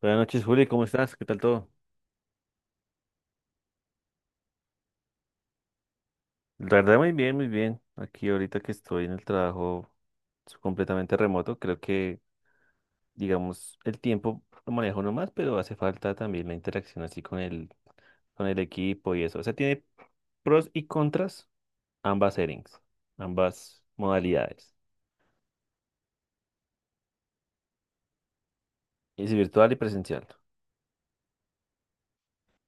Buenas noches, Juli, ¿cómo estás? ¿Qué tal todo? La verdad, muy bien, muy bien. Aquí ahorita que estoy en el trabajo completamente remoto, creo que, digamos, el tiempo lo manejo más, pero hace falta también la interacción así con el equipo y eso. O sea, tiene pros y contras ambas settings, ambas modalidades. Es virtual y presencial.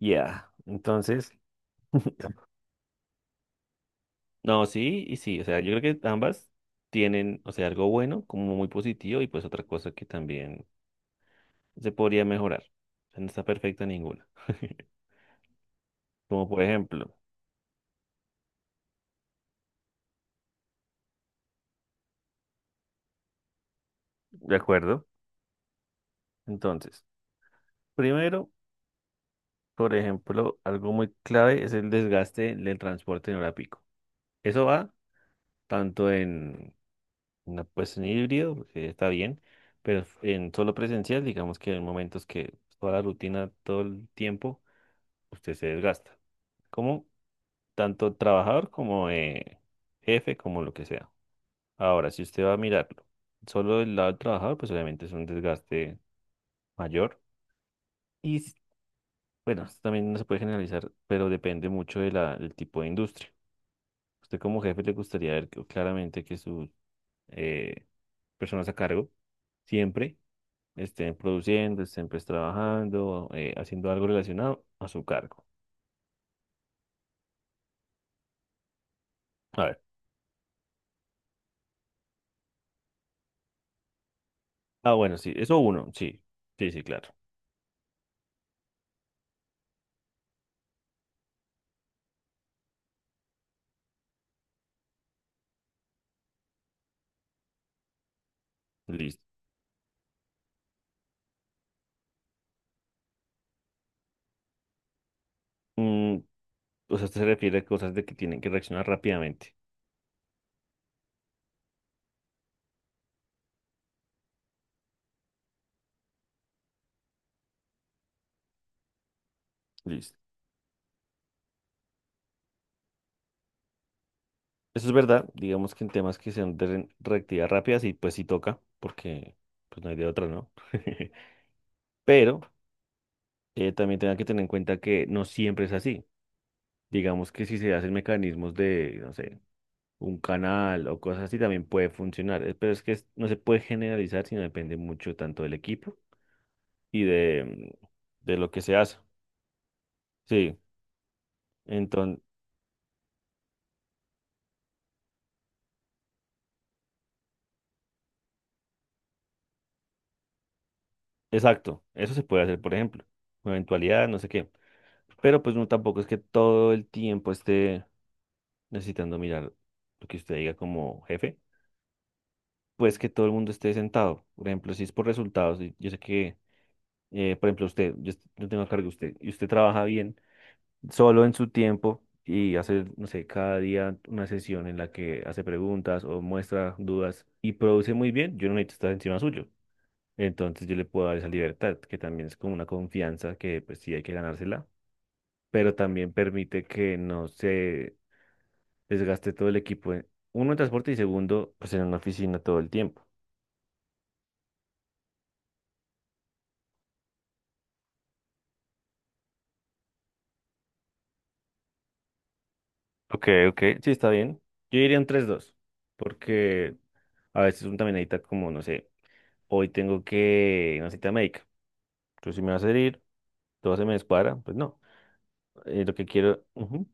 Yeah. Entonces, no, sí y sí. O sea, yo creo que ambas tienen, o sea, algo bueno como muy positivo y pues otra cosa que también se podría mejorar. O sea, no está perfecta ninguna. Como por ejemplo, ¿de acuerdo? Entonces, primero, por ejemplo, algo muy clave es el desgaste del transporte en hora pico. Eso va tanto en, una, pues, en híbrido, que está bien, pero en solo presencial, digamos que hay momentos que toda la rutina, todo el tiempo, usted se desgasta. Como tanto trabajador como jefe, como lo que sea. Ahora, si usted va a mirarlo, solo del lado del trabajador, pues obviamente es un desgaste mayor. Y s- bueno, esto también no se puede generalizar, pero depende mucho de la, del tipo de industria. Usted como jefe le gustaría ver claramente que sus eh, personas a cargo siempre estén produciendo, estén pues trabajando, haciendo algo relacionado a su cargo. A ver. Ah, bueno, sí, eso uno, sí, sí, sí, claro. Listo. Mm, o sea, usted se refiere a cosas de que tienen que reaccionar rápidamente. Listo. Eso es verdad, digamos que en temas que sean de reactividad rápida, sí, pues sí toca, porque pues no hay de otra, ¿no? Pero también tenga que tener en cuenta que no siempre es así. Digamos que si se hacen mecanismos de, no sé, un canal o cosas así, también puede funcionar. Pero es que no se puede generalizar, sino depende mucho tanto del equipo y de lo que se hace. Sí, entonces, exacto, eso se puede hacer, por ejemplo, una eventualidad, no sé qué. Pero pues no, tampoco es que todo el tiempo esté necesitando mirar lo que usted diga como jefe, pues que todo el mundo esté sentado. Por ejemplo, si es por resultados, y yo sé que, por ejemplo, usted, yo, yo tengo a cargo de usted, y usted trabaja bien solo en su tiempo y hace, no sé, cada día una sesión en la que hace preguntas o muestra dudas y produce muy bien, yo no necesito estar encima suyo. Entonces yo le puedo dar esa libertad, que también es como una confianza que pues sí hay que ganársela, pero también permite que no se desgaste todo el equipo. Uno en transporte y segundo, pues en una oficina todo el tiempo. Ok, ok. Sí, está bien. Yo diría un 3-2 porque a veces uno también necesita como, no sé, hoy tengo que una cita médica. Yo si me vas a salir todo se me descuadra, pues no. Lo que quiero... ujú.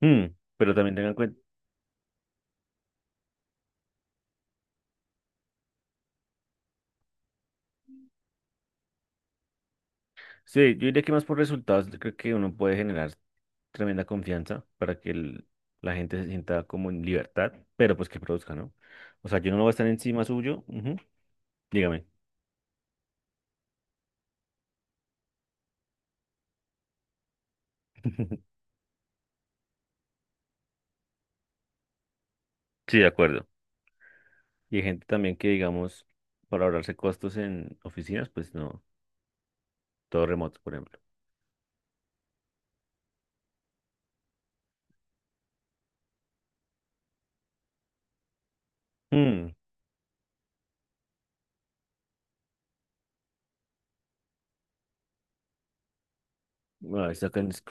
Mm, pero también tengan en cuenta... Sí, yo diría que más por resultados, yo creo que uno puede generar tremenda confianza para que la gente se sienta como en libertad, pero pues que produzca, ¿no? O sea, yo no voy a estar encima suyo. Ujú. Dígame. Sí, de acuerdo. Y hay gente también que, digamos, para ahorrarse costos en oficinas, pues no, todo remoto, por ejemplo. Mm, bueno, ahí sacan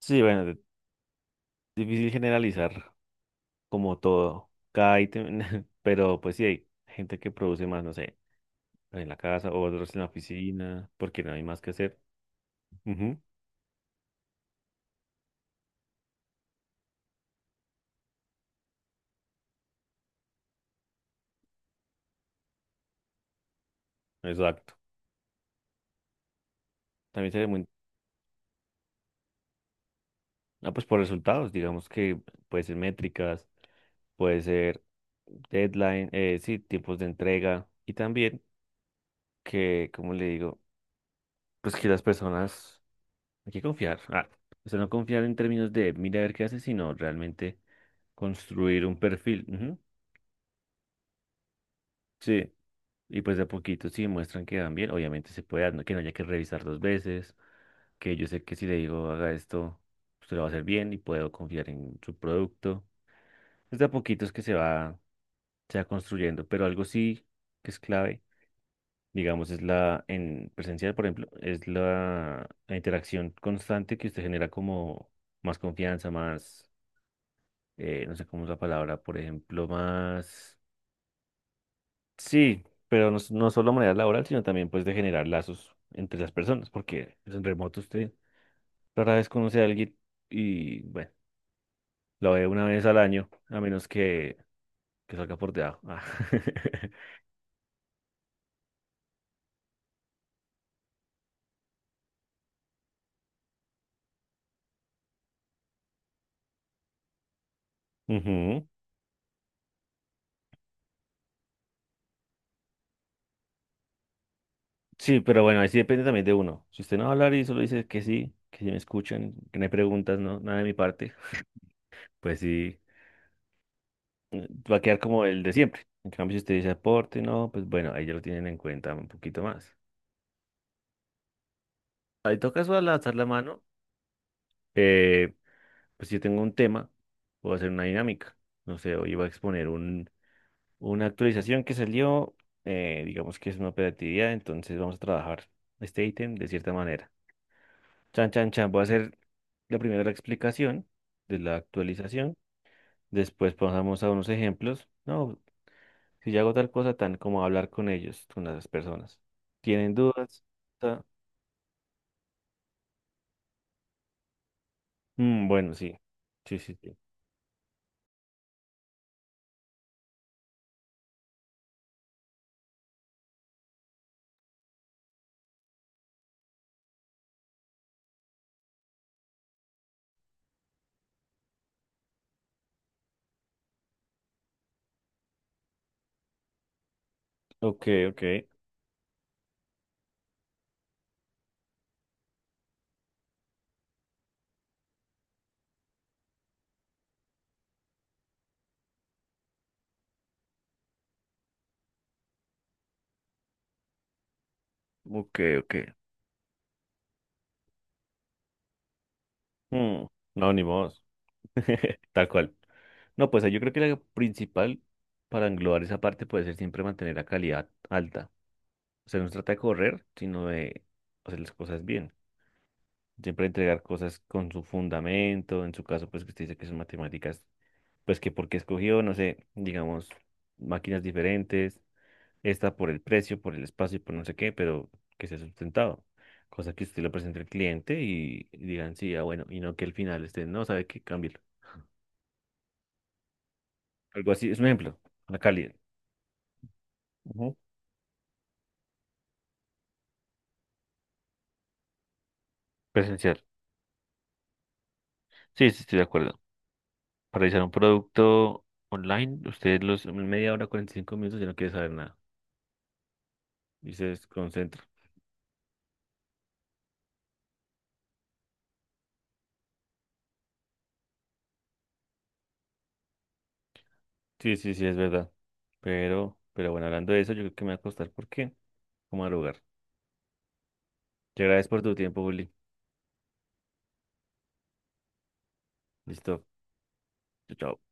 Sí, bueno, difícil generalizar como todo, cada ítem, pero pues sí hay gente que produce más, no sé, en la casa o otros en la oficina, porque no hay más que hacer. Ujú. Exacto. También se ve muy... Ah, pues por resultados, digamos que puede ser métricas, puede ser deadline, sí, tiempos de entrega y también que, como le digo, pues que las personas, hay que confiar. Ah, o sea, no confiar en términos de mira a ver qué hace, sino realmente construir un perfil. Ujú. Sí. Y pues de a poquito, si muestran que van bien, obviamente se puede, que no haya que revisar dos veces, que yo sé que si le digo haga esto, usted lo va a hacer bien y puedo confiar en su producto. Es de a poquitos que se va construyendo, pero algo sí que es clave digamos, es la, en presencial, por ejemplo, es la, la interacción constante que usted genera como más confianza, más, no sé cómo es la palabra, por ejemplo, más, sí, pero no, no solo manera laboral, sino también pues de generar lazos entre las personas, porque pues, en remoto usted rara vez conoce a alguien y, bueno, lo ve una vez al año, a menos que salga por debajo. Ah. Ujú. Sí, pero bueno, ahí sí depende también de uno. Si usted no va a hablar y solo dice que sí me escuchan, que no hay preguntas, no, nada de mi parte, pues sí, va a quedar como el de siempre. En cambio, si usted dice aporte, no, pues bueno, ahí ya lo tienen en cuenta un poquito más. Ahí toca eso al alzar la mano. eh, pues si yo tengo un tema, puedo hacer una dinámica. No sé, hoy iba a exponer un, una actualización que salió, digamos que es una operatividad, entonces vamos a trabajar este ítem de cierta manera. Chan, chan, chan. Voy a hacer la primera la explicación de la actualización. Después pasamos a unos ejemplos. No, si yo hago tal cosa, tan como hablar con ellos, con las personas. ¿Tienen dudas? Ta- bueno, sí. Sí, sí, sí. Ok, ok. Ok, ok. Mm, no, ni modo. Tal cual. No, pues yo creo que la principal para englobar esa parte puede ser siempre mantener la calidad alta. O sea, no se trata de correr, sino de hacer las cosas bien. Siempre entregar cosas con su fundamento. En su caso, pues que usted dice que son matemáticas, pues que porque escogió, no sé, digamos, máquinas diferentes. Esta por el precio, por el espacio y por no sé qué, pero que sea sustentado. Cosa que usted lo presente al cliente y digan, sí, ah, bueno, y no que al final usted no sabe qué, cámbialo. Algo así, es un ejemplo, la calidad. Ujú. Presencial. Sí, sí, estoy de acuerdo. Para realizar un producto online, usted los en media hora, 45 minutos, ya no quiere saber nada y se desconcentra. Sí, sí, sí, es verdad. Pero bueno, hablando de eso, yo creo que me voy a acostar porque como al lugar. Te agradezco por tu tiempo, Juli. Listo. Chao, chao.